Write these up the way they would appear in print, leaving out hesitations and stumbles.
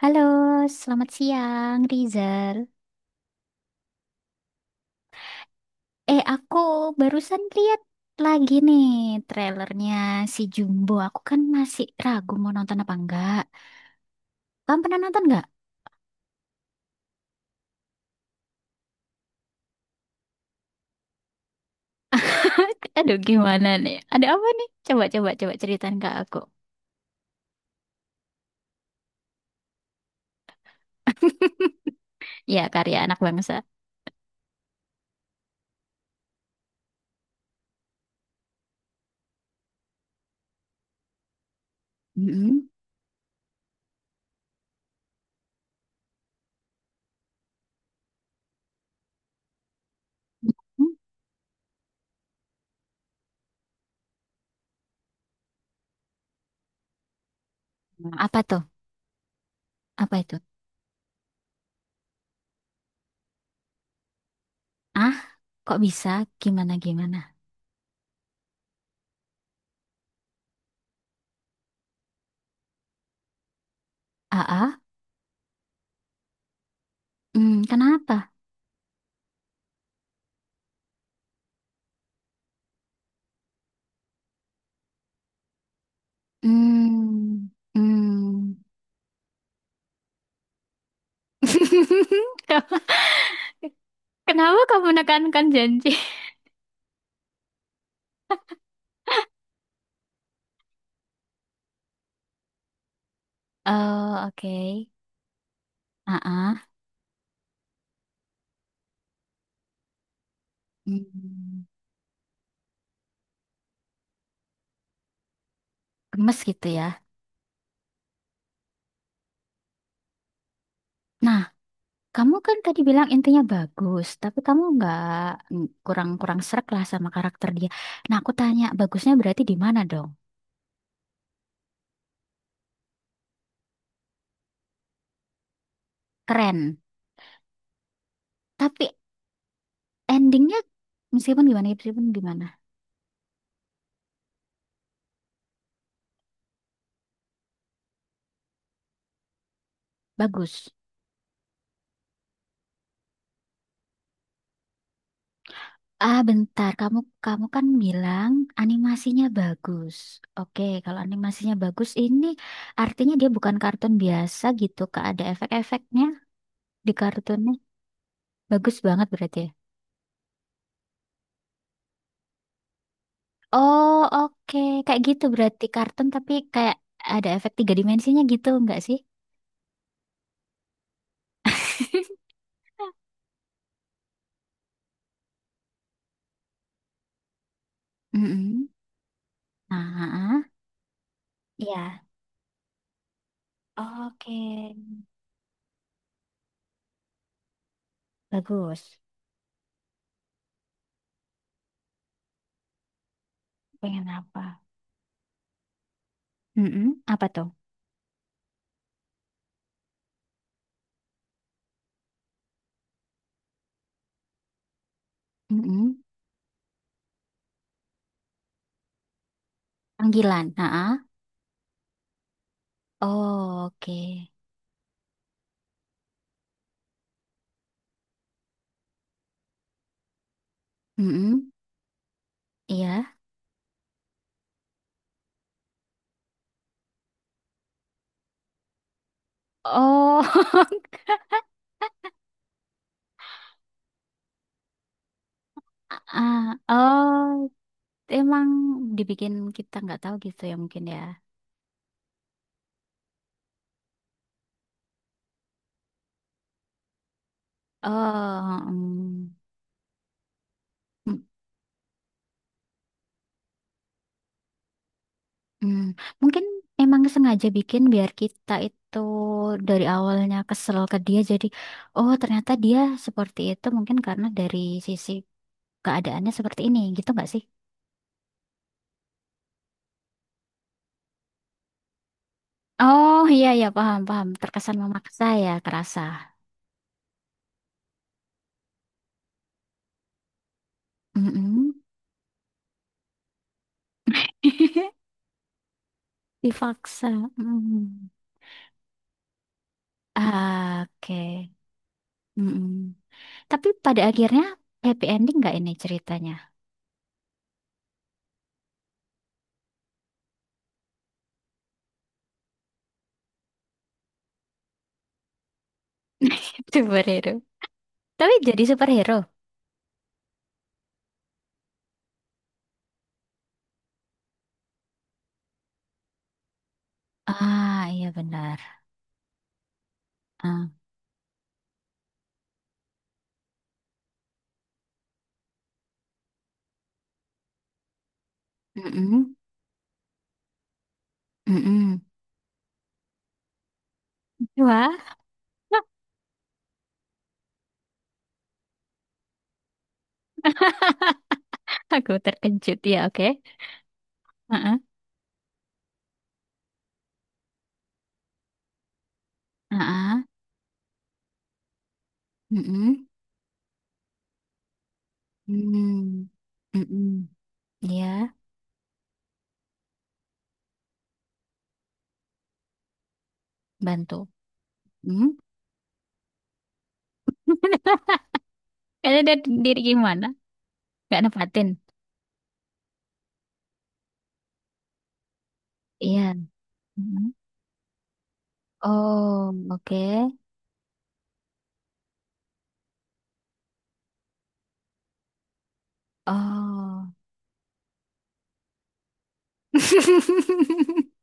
Halo, selamat siang Rizal. Eh, aku barusan lihat lagi nih trailernya si Jumbo. Aku kan masih ragu mau nonton apa enggak. Kamu pernah nonton enggak? Aduh, gimana nih? Ada apa nih? Coba, coba, coba ceritain ke aku. Ya, karya anak bangsa. Mm-mm. Hmm, apa tuh? Apa itu? Ah, kok bisa? Gimana, gimana? Ah, ah? Hmm, kenapa? Hmm, hmm. Kenapa kamu menekankan janji? Oh, oke. Ah, hmm, gemes gitu ya. Nah, kamu kan tadi bilang intinya bagus, tapi kamu nggak kurang-kurang srek lah sama karakter dia. Nah, aku tanya, bagusnya berarti di mana dong? Keren. Tapi endingnya meskipun gimana, bagus. Ah, bentar. Kamu kamu kan bilang animasinya bagus. Oke, kalau animasinya bagus ini artinya dia bukan kartun biasa gitu, Kak. Ada efek-efeknya di kartunnya. Bagus banget berarti ya. Oh, oke. Kayak gitu berarti kartun tapi kayak ada efek tiga dimensinya gitu, enggak sih? Mm-mm. Nah, ah, ah. Iya. Oke. Bagus. Pengen apa? Mm-mm. Apa tuh? Mm-mm. Panggilan. Nah, ah. Oh, oke. Mm-mm. Iya. Oh, ah, oh, emang dibikin kita nggak tahu gitu ya mungkin ya. Oh, mm, mm, mm. Mungkin emang sengaja bikin biar kita itu dari awalnya kesel ke dia jadi, oh ternyata dia seperti itu mungkin karena dari sisi keadaannya seperti ini gitu nggak sih? Oh iya iya paham paham terkesan memaksa ya kerasa. Mm-mm. Dipaksa. Mm. Ah, oke. Mm-mm. Tapi pada akhirnya happy ending nggak ini ceritanya? Superhero. Tapi jadi superhero. Ah, iya benar. Ah. Mm-mm. Mm-mm. Wah, aku terkejut ya, oke. Heeh. Heeh. Mm-mm. Mm. Mm-mm. Iya, bantu. Mm. Karena dia diri gimana? Gak nepatin. Iya. Mm. Oh, oke. Oh.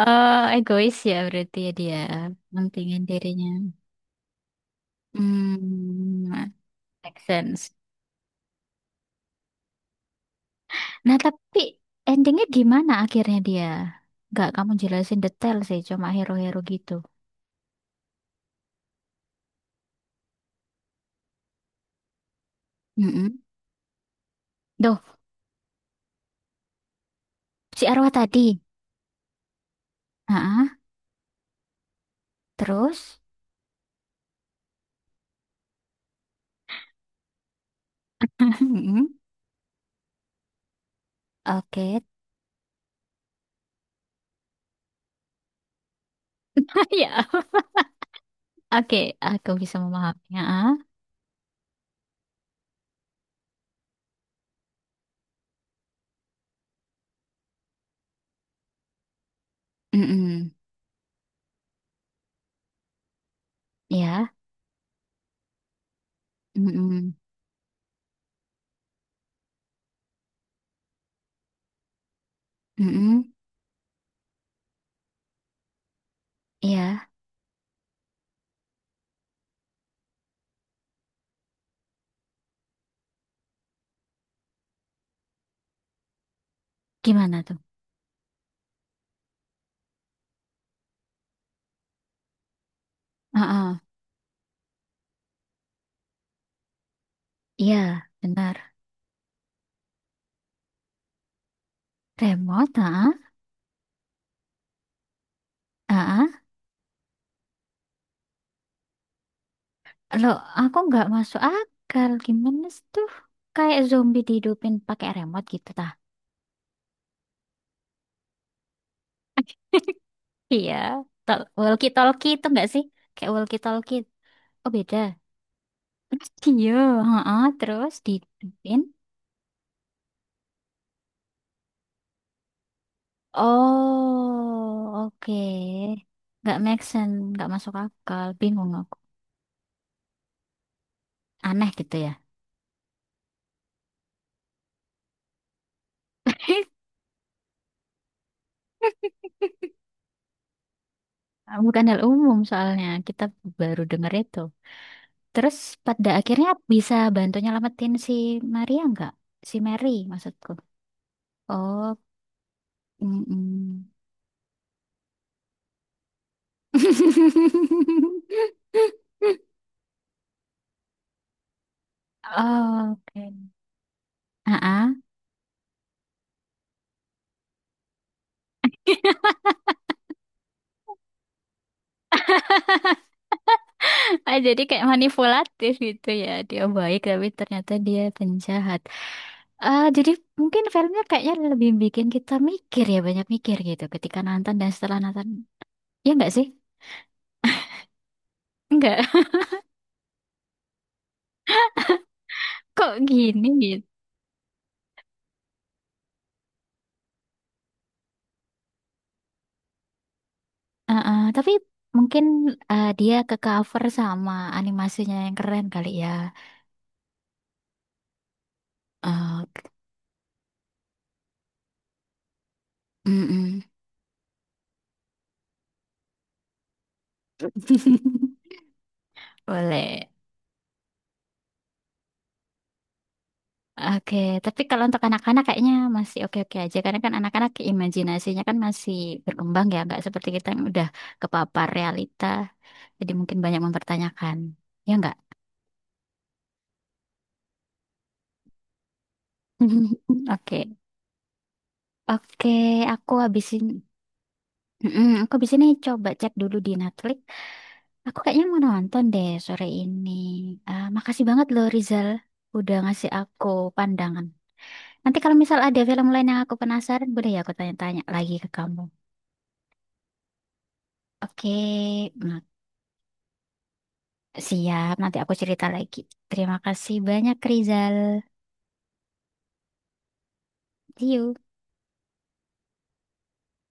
Oh, egois ya berarti ya dia mementingin dirinya. Hmm, make sense. Nah, tapi endingnya gimana akhirnya dia? Nggak kamu jelasin detail sih, cuma hero-hero gitu. Mm-mm. Duh, si arwah tadi. Ah, terus? Mm-mm. Oke. Ya, oke, aku bisa memahaminya. Ah, mm-mm. Ya, mm-mm. Mm-mm. Ya, gimana tuh? Ah, ah. Iya, benar. Remote, ah, ah. Loh, aku nggak masuk akal. Gimana sih tuh? Kayak zombie dihidupin pakai remote gitu, tah? Iya. Tol- walkie-talkie itu nggak sih? Kayak walkie-talkie. Oh, beda. Iya, heeh, terus dihidupin. Oh, oke. Nggak make sense, nggak masuk akal. Bingung aku. Aneh gitu ya. Bukan hal umum soalnya. Kita baru dengar itu. Terus pada akhirnya bisa bantu nyelamatin si Maria nggak? Si Mary maksudku. Oh, mm-mm. Oke. Ah, ah. Jadi kayak manipulatif gitu ya. Dia baik tapi ternyata dia penjahat. Ah, jadi mungkin filmnya kayaknya lebih bikin kita mikir ya, banyak mikir gitu ketika nonton dan setelah nonton. Ya enggak sih? Enggak. Kok gini gitu. Ah, ah. Tapi mungkin ah, dia ke cover sama animasinya yang keren kali ya. Ah, mm-mm. Boleh. Oke, tapi kalau untuk anak-anak kayaknya masih oke-oke aja karena kan anak-anak imajinasinya kan masih berkembang ya, nggak seperti kita yang udah kepapar realita, jadi mungkin banyak mempertanyakan, ya nggak? Oke, oke, aku habisin. Mm, aku habis ini coba cek dulu di Netflix. Aku kayaknya mau nonton deh sore ini. Ah, makasih banget loh Rizal, udah ngasih aku pandangan. Nanti kalau misal ada film lain yang aku penasaran, boleh ya aku tanya-tanya lagi ke kamu. Oke, mm. Siap, nanti aku cerita lagi. Terima kasih banyak, Rizal. See you.